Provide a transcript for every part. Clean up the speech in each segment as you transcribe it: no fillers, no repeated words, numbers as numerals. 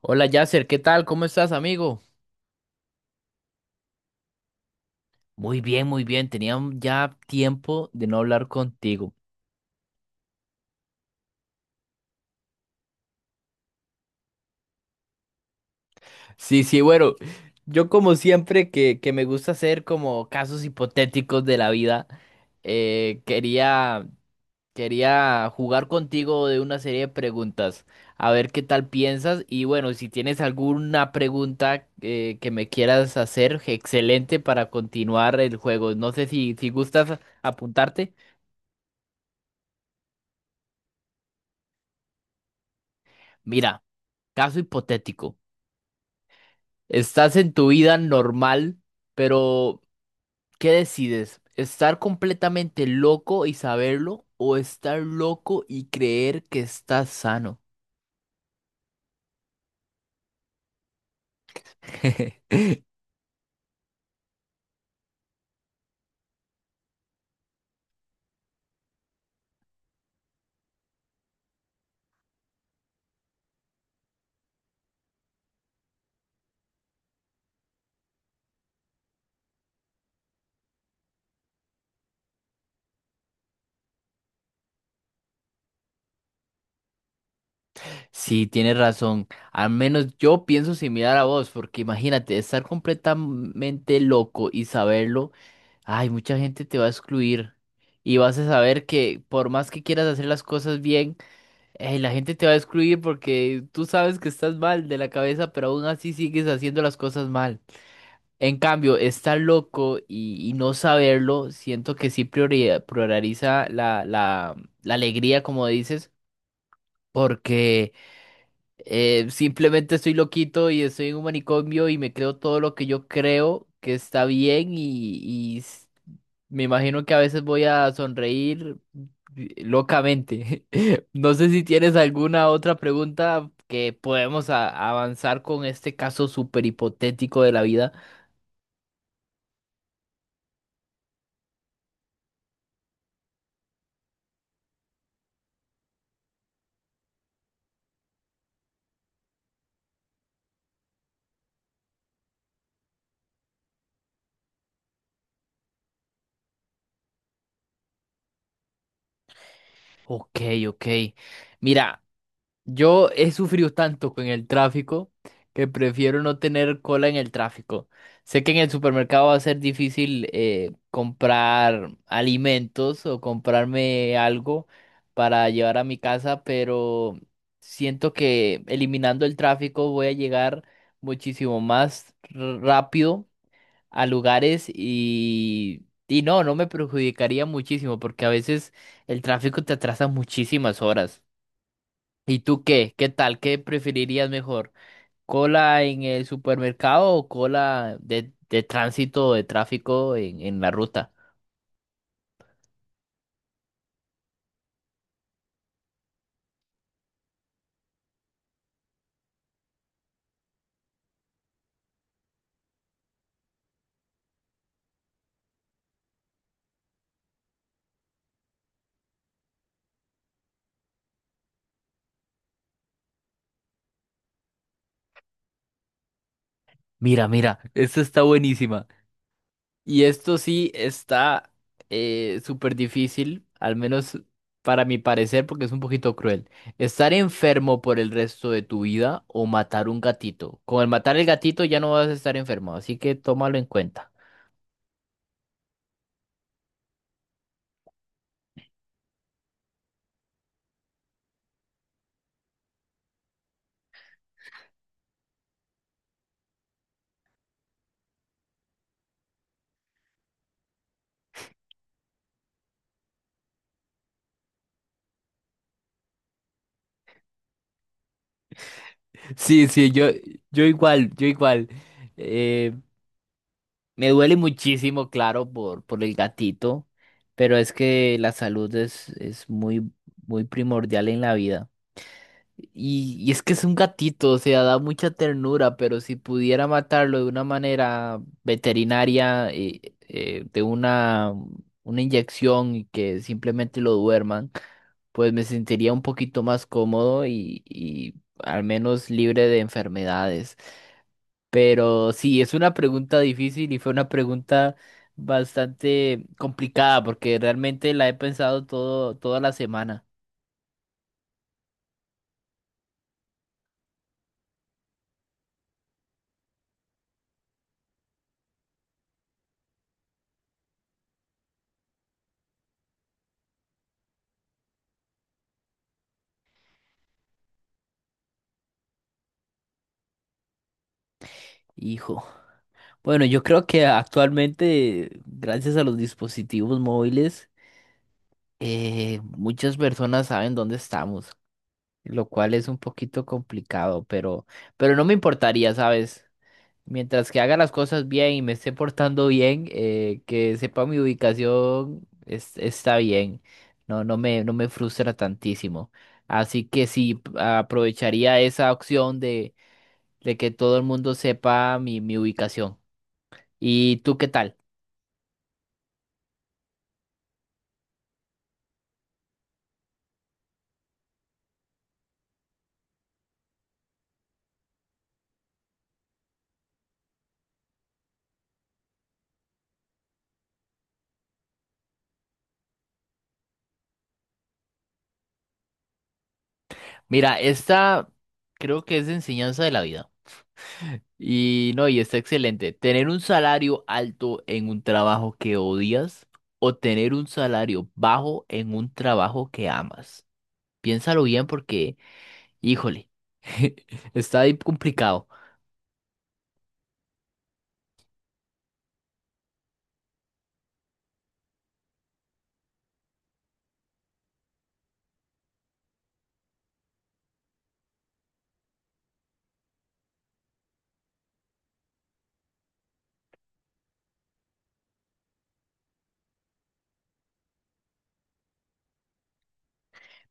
Hola Yasser, ¿qué tal? ¿Cómo estás, amigo? Muy bien, muy bien. Tenía ya tiempo de no hablar contigo. Sí, sí, bueno, yo como siempre que me gusta hacer como casos hipotéticos de la vida, eh, quería, quería jugar contigo de una serie de preguntas, a ver qué tal piensas y bueno, si tienes alguna pregunta que me quieras hacer, excelente para continuar el juego. No sé si gustas apuntarte. Mira, caso hipotético. Estás en tu vida normal, pero ¿qué decides? ¿Estar completamente loco y saberlo o estar loco y creer que estás sano? Sí, tienes razón. Al menos yo pienso similar a vos, porque imagínate, estar completamente loco y saberlo, ay, mucha gente te va a excluir y vas a saber que por más que quieras hacer las cosas bien, eh, la gente te va a excluir porque tú sabes que estás mal de la cabeza, pero aún así sigues haciendo las cosas mal. En cambio, estar loco y no saberlo, siento que sí prioriza la alegría, como dices, porque simplemente estoy loquito y estoy en un manicomio y me creo todo lo que yo creo que está bien y me imagino que a veces voy a sonreír locamente. No sé si tienes alguna otra pregunta que podemos avanzar con este caso súper hipotético de la vida. Ok, ok. Mira. Yo he sufrido tanto con el tráfico que prefiero no tener cola en el tráfico. Sé que en el supermercado va a ser difícil comprar alimentos o comprarme algo para llevar a mi casa, pero siento que eliminando el tráfico voy a llegar muchísimo más rápido a lugares y no, no me perjudicaría muchísimo porque a veces el tráfico te atrasa muchísimas horas. ¿Y tú qué? ¿Qué tal? ¿Qué preferirías mejor? ¿Cola en el supermercado o cola de tránsito o de tráfico en la ruta? Mira, mira, esta está buenísima. Y esto sí está súper difícil, al menos para mi parecer, porque es un poquito cruel. ¿Estar enfermo por el resto de tu vida o matar un gatito? Con el matar el gatito ya no vas a estar enfermo, así que tómalo en cuenta. Sí, sí, yo igual, yo igual. Me duele muchísimo, claro, por el gatito, pero es que la salud es muy, muy primordial en la vida. Y es que es un gatito, o sea, da mucha ternura, pero si pudiera matarlo de una manera veterinaria, una inyección y que simplemente lo duerman, pues me sentiría un poquito más cómodo y al menos libre de enfermedades. Pero sí, es una pregunta difícil y fue una pregunta bastante complicada porque realmente la he pensado toda la semana. Hijo. Bueno, yo creo que actualmente, gracias a los dispositivos móviles, muchas personas saben dónde estamos, lo cual es un poquito complicado, pero no me importaría, ¿sabes? Mientras que haga las cosas bien y me esté portando bien, que sepa mi ubicación, está bien. No me frustra tantísimo. Así que sí, aprovecharía esa opción de que todo el mundo sepa mi ubicación. ¿Y tú qué tal? Mira, esta creo que es de enseñanza de la vida. Y no, y está excelente. Tener un salario alto en un trabajo que odias o tener un salario bajo en un trabajo que amas. Piénsalo bien porque, híjole, está ahí complicado.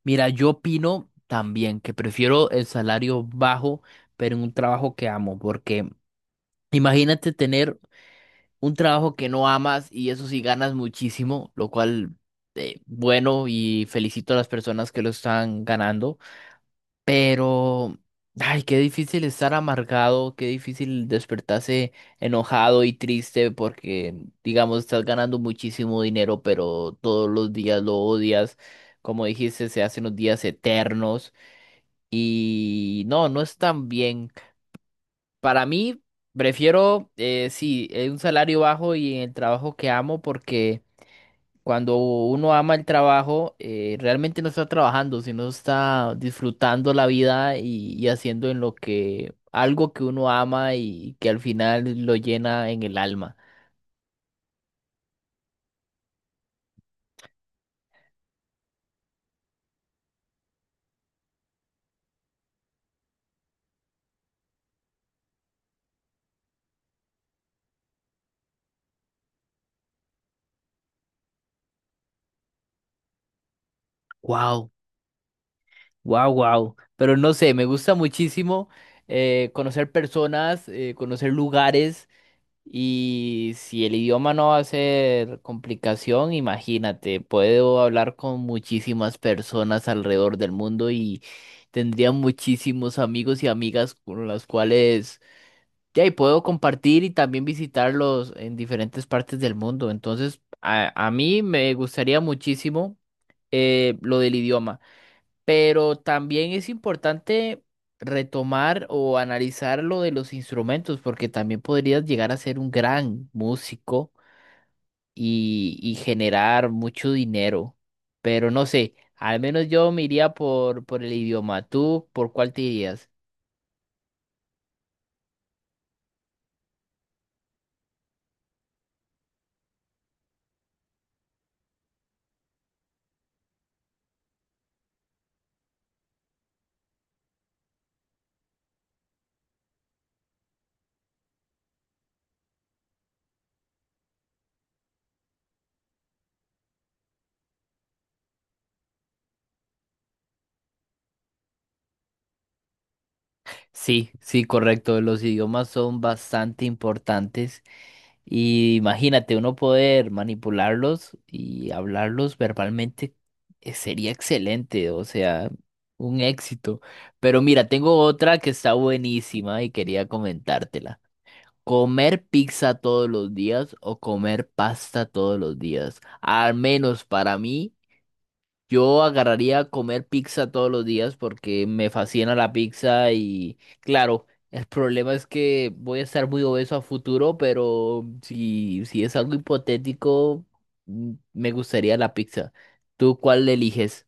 Mira, yo opino también que prefiero el salario bajo, pero en un trabajo que amo, porque imagínate tener un trabajo que no amas y eso sí ganas muchísimo, lo cual, bueno, y felicito a las personas que lo están ganando. Pero, ay, qué difícil estar amargado, qué difícil despertarse enojado y triste porque, digamos, estás ganando muchísimo dinero, pero todos los días lo odias. Como dijiste, se hacen los días eternos y no, no es tan bien. Para mí, prefiero, un salario bajo y en el trabajo que amo porque cuando uno ama el trabajo, realmente no está trabajando, sino está disfrutando la vida y haciendo en lo que algo que uno ama y que al final lo llena en el alma. Wow, wow, wow. Pero no sé, me gusta muchísimo conocer personas, conocer lugares. Y si el idioma no va a ser complicación, imagínate, puedo hablar con muchísimas personas alrededor del mundo y tendría muchísimos amigos y amigas con las cuales ya y puedo compartir y también visitarlos en diferentes partes del mundo. Entonces, a mí me gustaría muchísimo lo del idioma. Pero también es importante retomar o analizar lo de los instrumentos, porque también podrías llegar a ser un gran músico y generar mucho dinero. Pero no sé, al menos yo me iría por el idioma. ¿Tú por cuál te irías? Sí, sí, correcto. Los idiomas son bastante importantes y imagínate uno poder manipularlos y hablarlos verbalmente, sería excelente, o sea, un éxito. Pero mira, tengo otra que está buenísima y quería comentártela. ¿Comer pizza todos los días o comer pasta todos los días? Al menos para mí. Yo agarraría a comer pizza todos los días porque me fascina la pizza y claro, el problema es que voy a estar muy obeso a futuro, pero si es algo hipotético, mm, me gustaría la pizza. ¿Tú cuál eliges?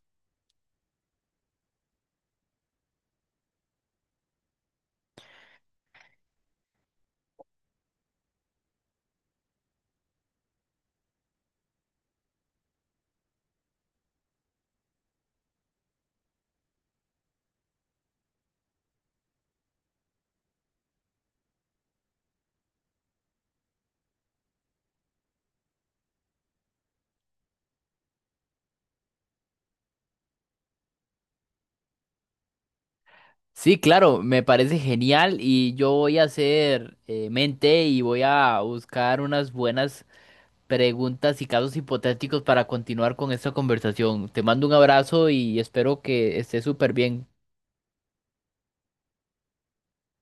Sí, claro, me parece genial y yo voy a hacer mente y voy a buscar unas buenas preguntas y casos hipotéticos para continuar con esta conversación. Te mando un abrazo y espero que estés súper bien.